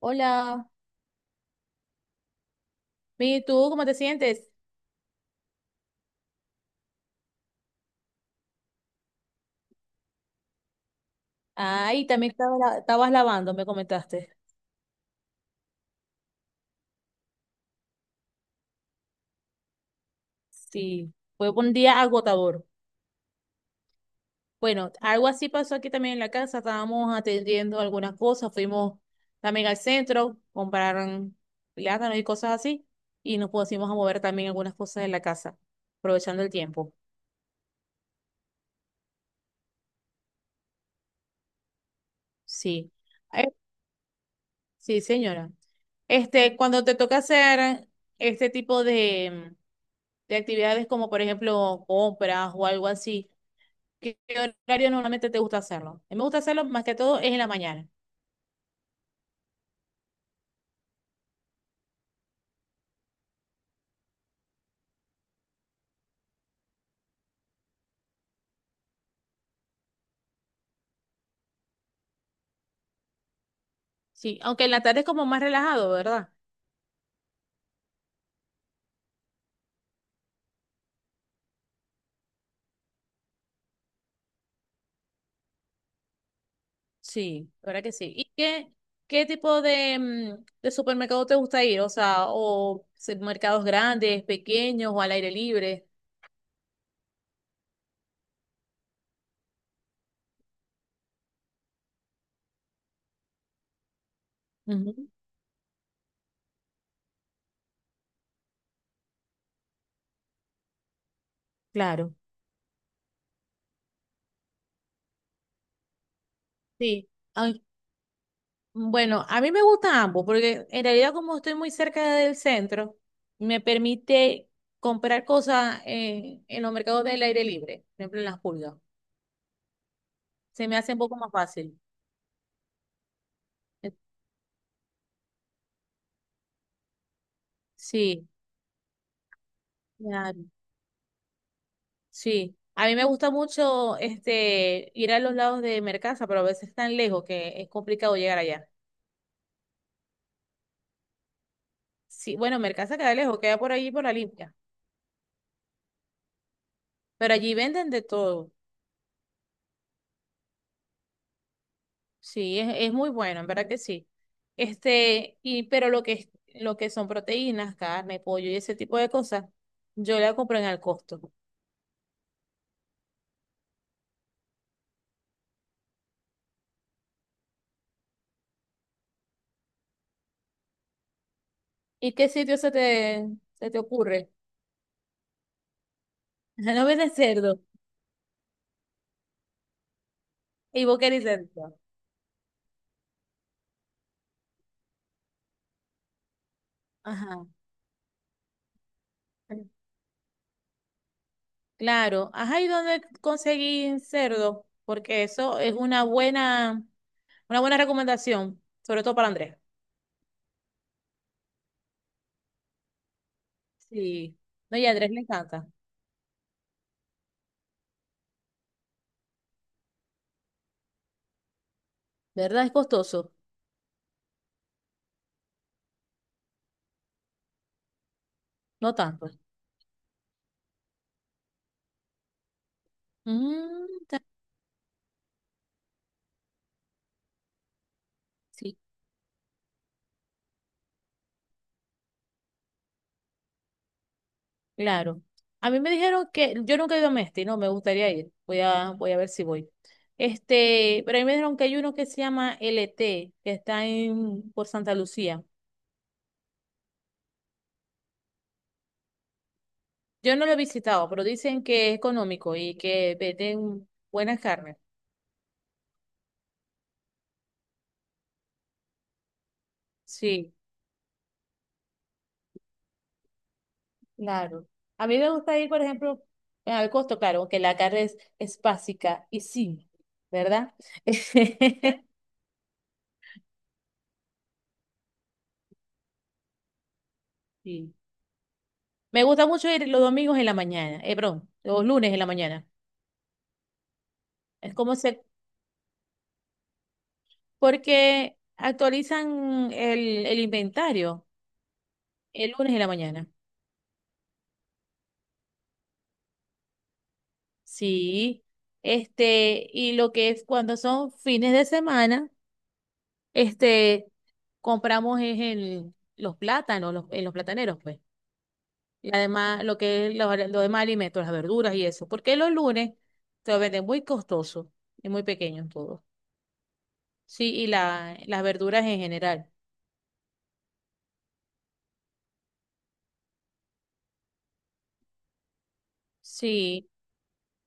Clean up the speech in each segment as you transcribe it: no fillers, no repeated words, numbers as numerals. Hola, bien, ¿y tú cómo te sientes? Ay, también estaba estabas lavando, me comentaste. Sí, fue un día agotador. Bueno, algo así pasó aquí también en la casa. Estábamos atendiendo algunas cosas, fuimos también al centro, compraron plátanos y cosas así, y nos pusimos a mover también algunas cosas en la casa, aprovechando el tiempo. Sí. Eh, sí, señora. Cuando te toca hacer este tipo de actividades, como por ejemplo compras o algo así. ¿Qué horario normalmente te gusta hacerlo? A mí me gusta hacerlo más que todo es en la mañana. Sí, aunque en la tarde es como más relajado, ¿verdad? Sí. La verdad que sí. ¿Y qué, qué tipo de, de supermercado te gusta ir? O sea, mercados grandes, pequeños o al aire libre. Ujú. Claro. Sí. Ay, bueno, a mí me gustan ambos porque en realidad como estoy muy cerca del centro, me permite comprar cosas en los mercados del aire libre, por ejemplo en las pulgas. Se me hace un poco más fácil. Eh, Sí, claro, sí. A mí me gusta mucho ir a los lados de Mercasa, pero a veces es tan lejos que es complicado llegar allá. Sí, bueno, Mercasa queda lejos, queda por allí por la limpia, pero allí venden de todo. Sí, es muy bueno, en verdad que sí. Y pero lo que son proteínas, carne, pollo y ese tipo de cosas, yo la compro en al costo. ¿Y qué sitio se te ocurre? No venden cerdo y vos querés cerdo. Ajá. Claro, ajá, ¿y dónde conseguí cerdo? Porque eso es una buena recomendación, sobre todo para Andrés. Sí. No, y a Andrés le encanta. ¿Verdad? Es costoso. No tanto. Mm, ta- sí, claro. A mí me dijeron que yo nunca he ido a Mesti, no, me gustaría ir. Voy a ver si voy. Pero a mí me dijeron que hay uno que se llama LT, que está en, por Santa Lucía. Yo no lo he visitado, pero dicen que es económico y que venden buenas carnes. Sí. Claro. A mí me gusta ir, por ejemplo, al costo, claro, aunque la carne es básica y sí, ¿verdad? Sí. Me gusta mucho ir los domingos en la mañana, perdón, los lunes en la mañana. Es como se, porque actualizan el inventario el lunes en la mañana. Sí. Y lo que es cuando son fines de semana, este, compramos es los plátanos, los, en los plataneros, pues. Y además, lo que es lo demás alimentos, las verduras y eso. Porque los lunes te lo venden muy costoso y muy pequeño todo. Sí, y las verduras en general. Sí,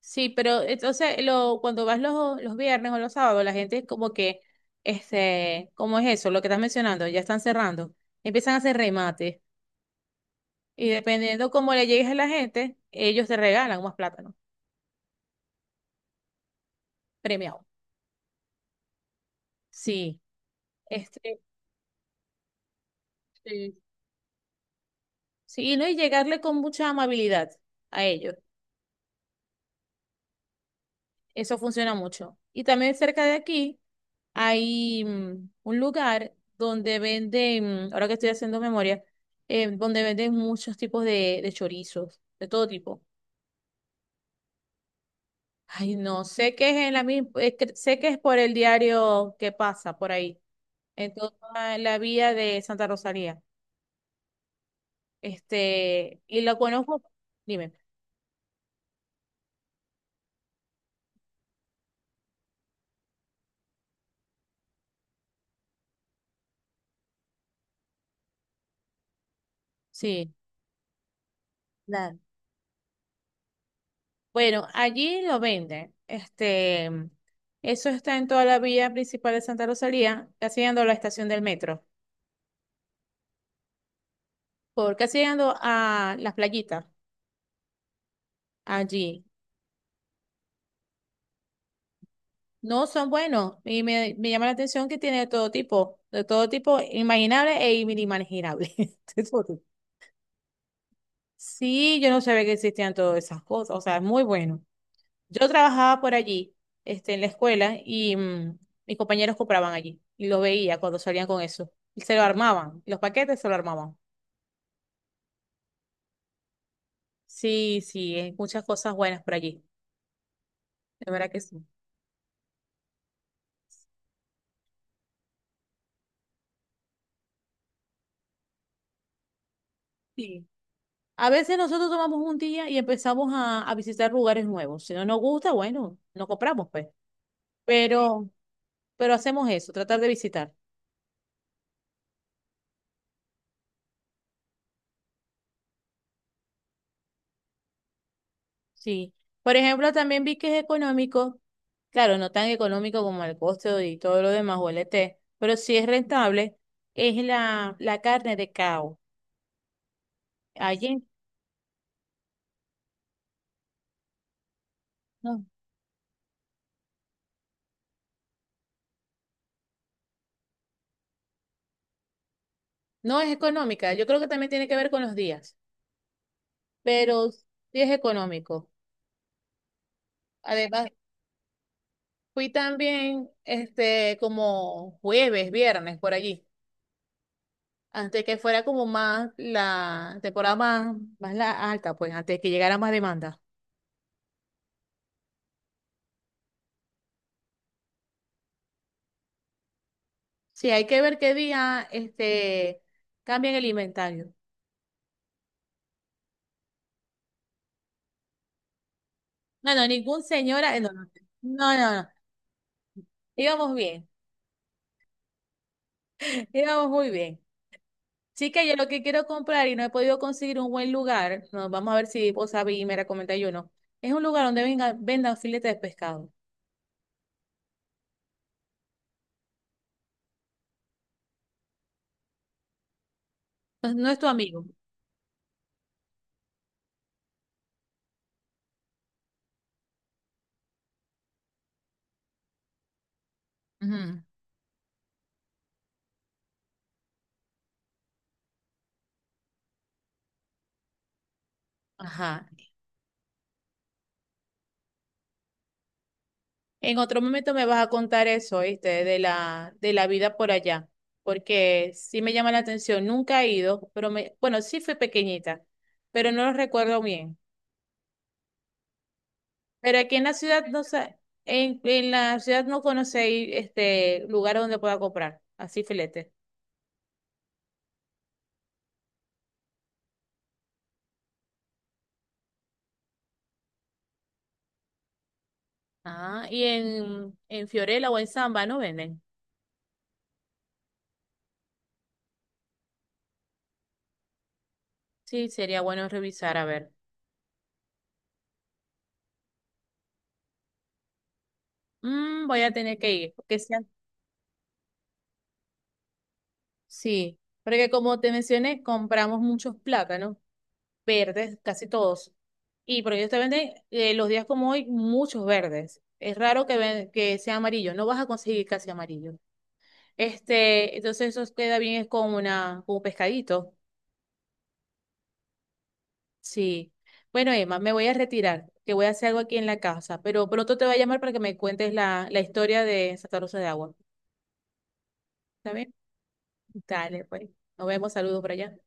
sí, pero entonces lo, cuando vas los viernes o los sábados, la gente es como que, ¿cómo es eso? Lo que estás mencionando, ya están cerrando. Empiezan a hacer remates. Y dependiendo cómo le llegues a la gente, ellos te regalan más plátano, premiado. Sí, este, sí, sí, y no, y llegarle con mucha amabilidad a ellos. Eso funciona mucho. Y también cerca de aquí hay un lugar donde venden, ahora que estoy haciendo memoria, donde venden muchos tipos de chorizos, de todo tipo. Ay, no, sé que es en la misma, sé que es por el diario que pasa por ahí, en toda la vía de Santa Rosalía. Y lo conozco, dime, sí. Bueno, allí lo venden. Eso está en toda la vía principal de Santa Rosalía, casi llegando a la estación del metro, por casi llegando a las playitas allí. No son buenos y me llama la atención que tiene de todo tipo, imaginable e inimaginable. De todo tipo. Sí, yo no sabía que existían todas esas cosas, o sea, es muy bueno. Yo trabajaba por allí, en la escuela, y mis compañeros compraban allí. Y lo veía cuando salían con eso. Y se lo armaban. Los paquetes se lo armaban. Sí, sí, hay muchas cosas buenas por allí. De verdad que sí. Sí. A veces nosotros tomamos un día y empezamos a visitar lugares nuevos. Si no nos gusta, bueno, no compramos, pues. Pero, pero hacemos eso, tratar de visitar. Sí. Por ejemplo, también vi que es económico, claro, no tan económico como el costo y todo lo demás o el ET, pero sí es rentable, es la carne de cao. Allí no, no es económica, yo creo que también tiene que ver con los días, pero sí es económico. Además, fui también como jueves, viernes, por allí, antes que fuera como más la temporada más, más la alta, pues antes que llegara más demanda. Sí, hay que ver qué día cambian el inventario. No, no, ningún señor. No, no, no, no, no. Íbamos bien, íbamos muy bien. Chica, yo lo que quiero comprar y no he podido conseguir un buen lugar, no, vamos a ver si vos sabés y me recomendáis yo no. Es un lugar donde venga, vendan filetes de pescado. No, no es tu amigo. Ujú. Ajá. En otro momento me vas a contar eso, ¿viste? De de la vida por allá, porque sí me llama la atención. Nunca he ido, pero me, bueno, sí fui pequeñita, pero no lo recuerdo bien. Pero aquí en la ciudad no sé, en la ciudad no conocí este lugar donde pueda comprar, así filete. Ah, y en Fiorella o en Samba no venden. Sí, sería bueno revisar, a ver. Mm, voy a tener que ir, porque sean, sí, porque como te mencioné, compramos muchos plátanos. Verdes, casi todos. Y por ellos te venden los días como hoy muchos verdes. Es raro que, que sea amarillo, no vas a conseguir casi amarillo. Entonces eso queda bien es con una, con un pescadito. Sí. Bueno, Emma, me voy a retirar, que voy a hacer algo aquí en la casa, pero pronto te voy a llamar para que me cuentes la historia de Santa Rosa de Agua. ¿Está bien? Dale, pues. Nos vemos, saludos por allá.